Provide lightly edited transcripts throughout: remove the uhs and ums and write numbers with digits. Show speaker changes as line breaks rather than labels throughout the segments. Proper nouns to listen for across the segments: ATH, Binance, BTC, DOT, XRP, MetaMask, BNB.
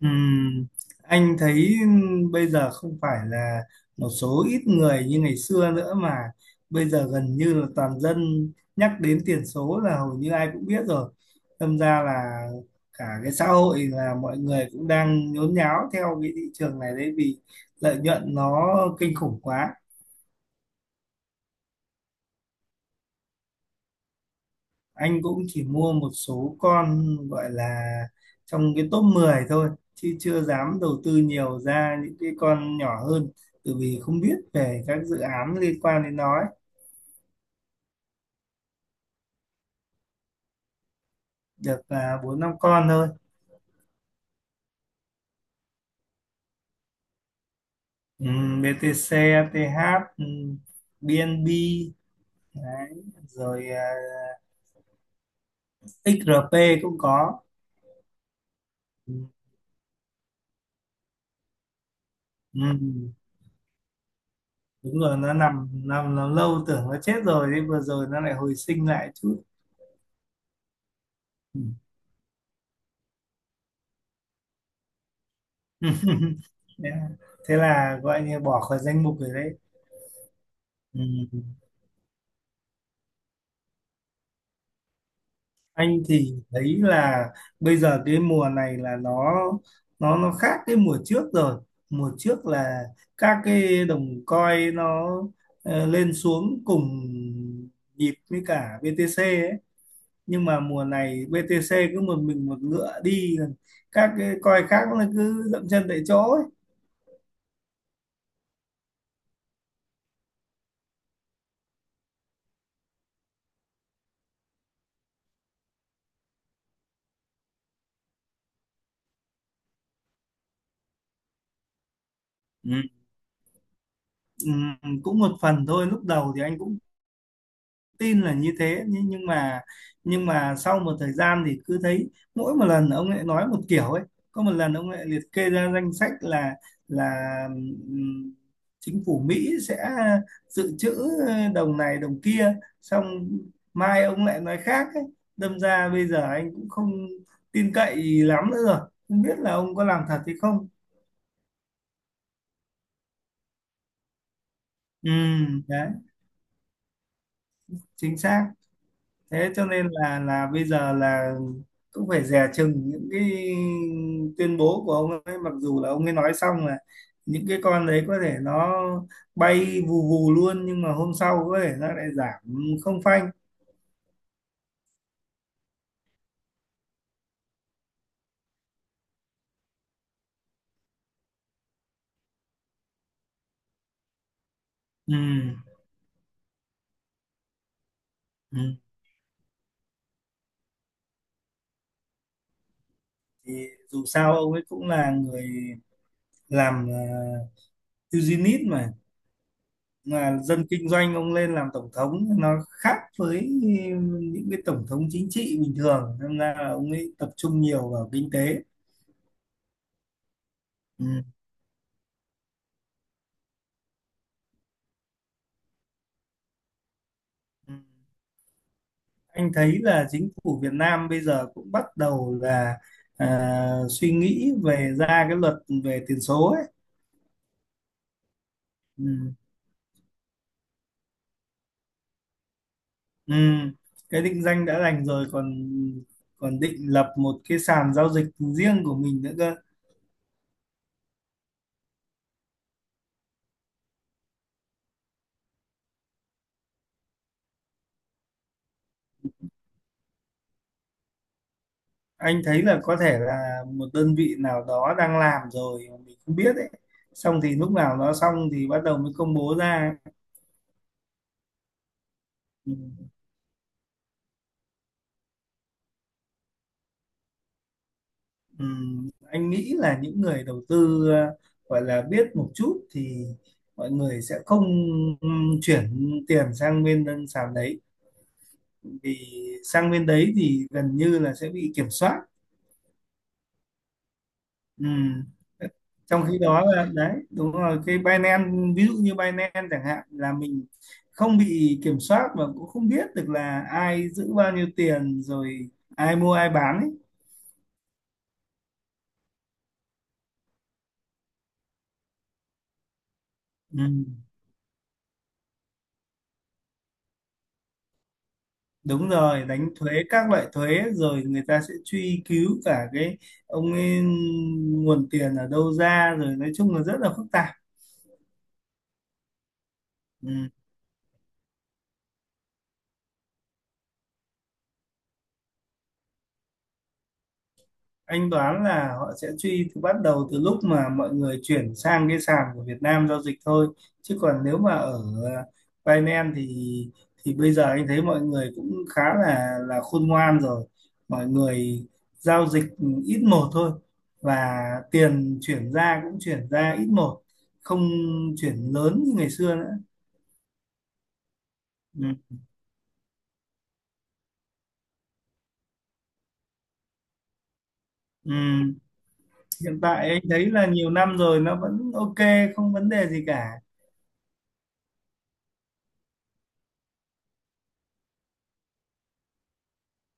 Ừm, anh thấy bây giờ không phải là một số ít người như ngày xưa nữa, mà bây giờ gần như là toàn dân, nhắc đến tiền số là hầu như ai cũng biết rồi. Đâm ra là cả cái xã hội là mọi người cũng đang nhốn nháo theo cái thị trường này đấy, vì lợi nhuận nó kinh khủng quá. Anh cũng chỉ mua một số con gọi là trong cái top 10 thôi, chứ chưa dám đầu tư nhiều ra những cái con nhỏ hơn, bởi vì không biết về các dự án liên quan đến nó ấy. Được là bốn năm con thôi. BTC, ATH, BNB đấy. Rồi à, XRP cũng có. Ừm, Đúng rồi, nó nằm nằm nằm lâu, tưởng nó chết rồi đấy, vừa rồi nó lại hồi sinh lại chút. Ừ. Yeah. Thế là gọi như bỏ khỏi danh mục rồi đấy. Ừ. Anh thì thấy là bây giờ cái mùa này là nó khác cái mùa trước rồi. Mùa trước là các cái đồng coin nó lên xuống cùng nhịp với cả BTC ấy. Nhưng mà mùa này BTC cứ một mình một ngựa đi, các cái coin khác nó cứ dậm chân tại chỗ ấy. Ừ. Ừ, cũng một phần thôi. Lúc đầu thì anh cũng tin là như thế, nhưng mà sau một thời gian thì cứ thấy mỗi một lần ông lại nói một kiểu ấy. Có một lần ông lại liệt kê ra danh sách là là ừm, chính phủ Mỹ sẽ dự trữ đồng này đồng kia, xong mai ông lại nói khác ấy. Đâm ra bây giờ anh cũng không tin cậy lắm nữa rồi, không biết là ông có làm thật hay không. Ừ, đấy, chính xác. Thế cho nên là bây giờ là cũng phải dè chừng những cái tuyên bố của ông ấy, mặc dù là ông ấy nói xong là những cái con đấy có thể nó bay vù vù luôn, nhưng mà hôm sau có thể nó lại giảm không phanh. Ừ. Ừ. Thì dù sao ông ấy cũng là người làm eugenist mà, là dân kinh doanh. Ông lên làm tổng thống nó khác với những cái tổng thống chính trị bình thường, nên là ông ấy tập trung nhiều vào kinh tế. Ừ. Ừ. Anh thấy là chính phủ Việt Nam bây giờ cũng bắt đầu là suy nghĩ về ra cái luật về tiền số ấy. Ừ. Ừ. Cái định danh đã đành rồi, còn còn định lập một cái sàn giao dịch riêng của mình nữa cơ. Anh thấy là có thể là một đơn vị nào đó đang làm rồi mà mình không biết ấy. Xong thì lúc nào nó xong thì bắt đầu mới công bố ra. Ừ. Anh nghĩ là những người đầu tư gọi là biết một chút thì mọi người sẽ không chuyển tiền sang bên đơn sàn đấy, vì sang bên đấy thì gần như là sẽ bị kiểm soát. Ừm, Trong khi đó là, đấy đúng rồi, cái Binance, ví dụ như Binance chẳng hạn, là mình không bị kiểm soát và cũng không biết được là ai giữ bao nhiêu tiền rồi, ai mua ai bán ấy. Đúng rồi, đánh thuế các loại thuế, rồi người ta sẽ truy cứu cả cái ông ấy nguồn tiền ở đâu ra rồi, nói chung là rất là phức tạp. Ừ. Anh đoán là họ sẽ truy từ bắt đầu từ lúc mà mọi người chuyển sang cái sàn của Việt Nam giao dịch thôi, chứ còn nếu mà ở ờ, Binance thì bây giờ anh thấy mọi người cũng khá là khôn ngoan rồi. Mọi người giao dịch ít một thôi, và tiền chuyển ra cũng chuyển ra ít một, không chuyển lớn như ngày xưa nữa. Ừ. Ừ. Hiện tại anh thấy là nhiều năm rồi nó vẫn ok, không vấn đề gì cả.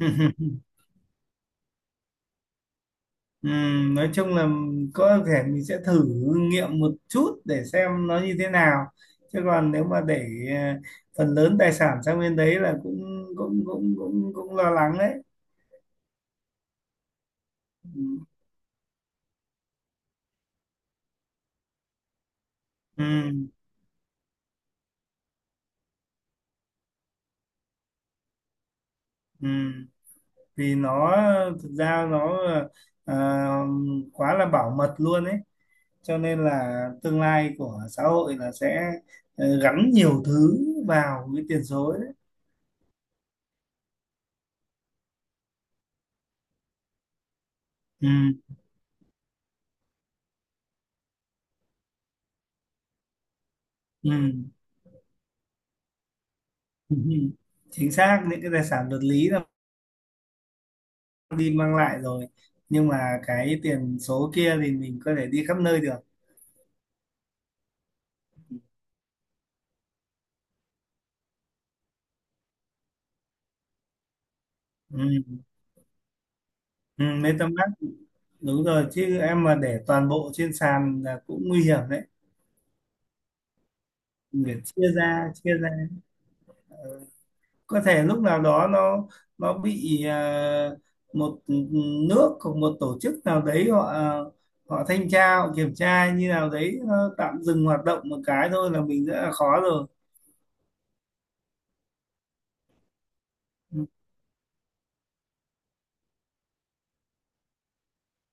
Nói chung là có thể mình sẽ thử nghiệm một chút để xem nó như thế nào, chứ còn nếu mà để ờ, phần lớn tài sản sang bên đấy là cũng cũng cũng cũng cũng lo lắng đấy. Ừm, ừm. Vì nó, thực ra nó ờ, quá là bảo mật luôn ấy, cho nên là tương lai của xã hội là sẽ gắn nhiều thứ vào cái tiền số đấy. Ừm, ừm. Chính xác, những cái tài sản vật lý là đi mang lại rồi, nhưng mà cái tiền số kia thì mình có thể đi khắp nơi được. Ừ. Ừ, MetaMask, đúng rồi, chứ em mà để toàn bộ trên sàn là cũng nguy hiểm đấy. Mình phải chia ra chia ra. Ờ, có thể lúc nào đó nó bị một nước hoặc một tổ chức nào đấy họ, họ thanh tra họ kiểm tra như nào đấy, nó tạm dừng hoạt động một cái thôi là mình rất là khó rồi. Ừ.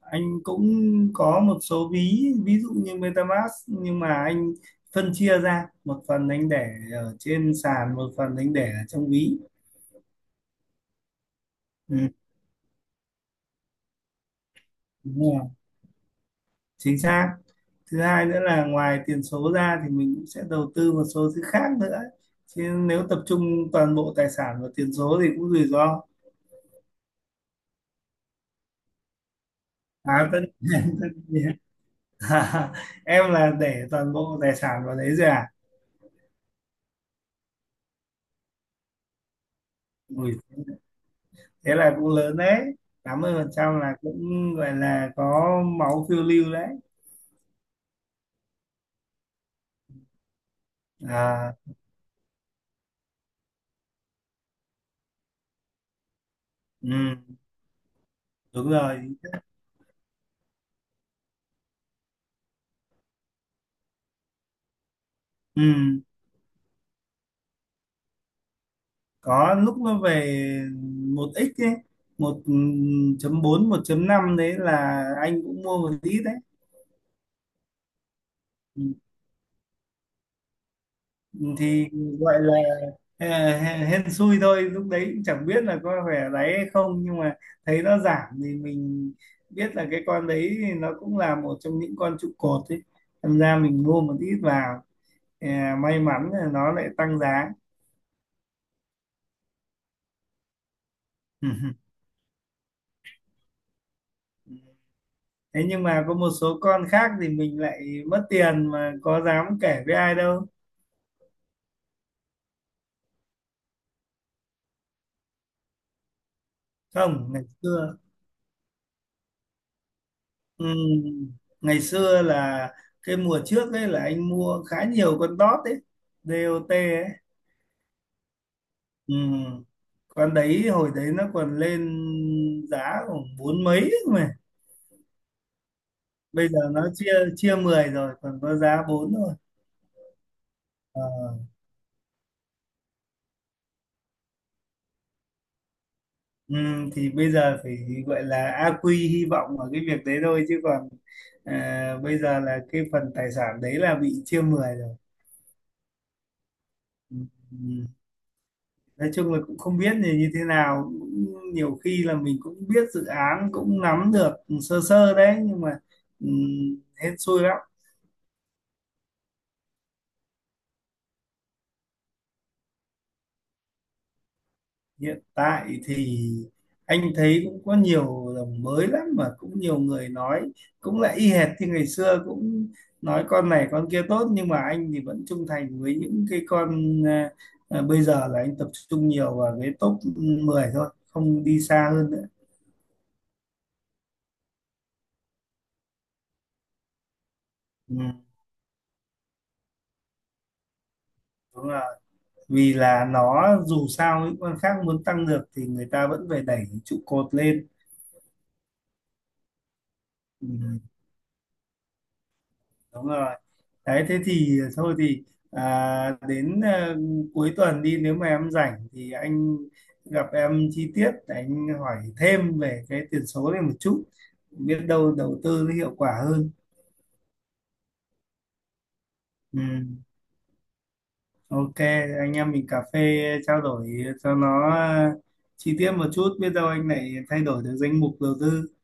Anh cũng có một số ví, ví dụ như MetaMask, nhưng mà anh phân chia ra, một phần anh để ở trên sàn, một phần anh để ở trong ví. Ừ, đúng rồi, chính xác. Thứ hai nữa là ngoài tiền số ra thì mình cũng sẽ đầu tư một số thứ khác nữa, chứ nếu tập trung toàn bộ tài sản vào tiền số thì cũng rủi ro. Tất nhiên. Em là để toàn bộ tài sản vào đấy rồi à? Ui, thế là cũng lớn đấy, 80% là cũng gọi là có máu phiêu lưu đấy. à ừ, đúng rồi. ừ, có lúc nó về 1x ấy, một chấm bốn 1.5, đấy là anh cũng mua một ít đấy. Ừ, thì gọi là ờ, hên hên xui thôi, lúc đấy cũng chẳng biết là có phải đấy hay không, nhưng mà thấy nó giảm thì mình biết là cái con đấy thì nó cũng là một trong những con trụ cột ấy, thành ra mình mua một ít vào, à, may mắn là nó lại tăng giá. Thế nhưng mà có một số con khác thì mình lại mất tiền mà có dám kể với ai đâu. Không, ngày xưa, ừ, ngày xưa là cái mùa trước ấy là anh mua khá nhiều con dot ấy, DOT ấy. Ừ. Con đấy hồi đấy nó còn lên giá khoảng bốn mấy ấy mà, bây giờ nó chia chia 10 rồi, còn có giá bốn thôi. Ờ. Ừ, thì bây giờ phải gọi là a quy hy vọng ở cái việc đấy thôi, chứ còn à, bây giờ là cái phần tài sản đấy là bị chia 10 rồi. Ừ, ừ. Nói chung là cũng không biết là như thế nào, cũng nhiều khi là mình cũng biết dự án, cũng nắm được sơ sơ đấy, nhưng mà ừ, hên xui. Hiện tại thì anh thấy cũng có nhiều đồng mới lắm, mà cũng nhiều người nói cũng lại y hệt như ngày xưa, cũng nói con này con kia tốt, nhưng mà anh thì vẫn trung thành với những cái con, bây giờ là anh tập trung nhiều vào cái top 10 thôi, không đi xa hơn nữa. Ừ, đúng là vì là nó, dù sao những con khác muốn tăng được thì người ta vẫn phải đẩy trụ cột lên. Ừ, đúng rồi đấy. Thế thì thôi thì đến cuối tuần đi, nếu mà em rảnh thì anh gặp em chi tiết, anh hỏi thêm về cái tiền số này một chút, biết đâu đầu tư nó hiệu quả hơn. Ừ, ok. Anh em mình cà phê trao đổi cho nó chi tiết một chút, biết đâu anh lại thay đổi được danh mục đầu tư.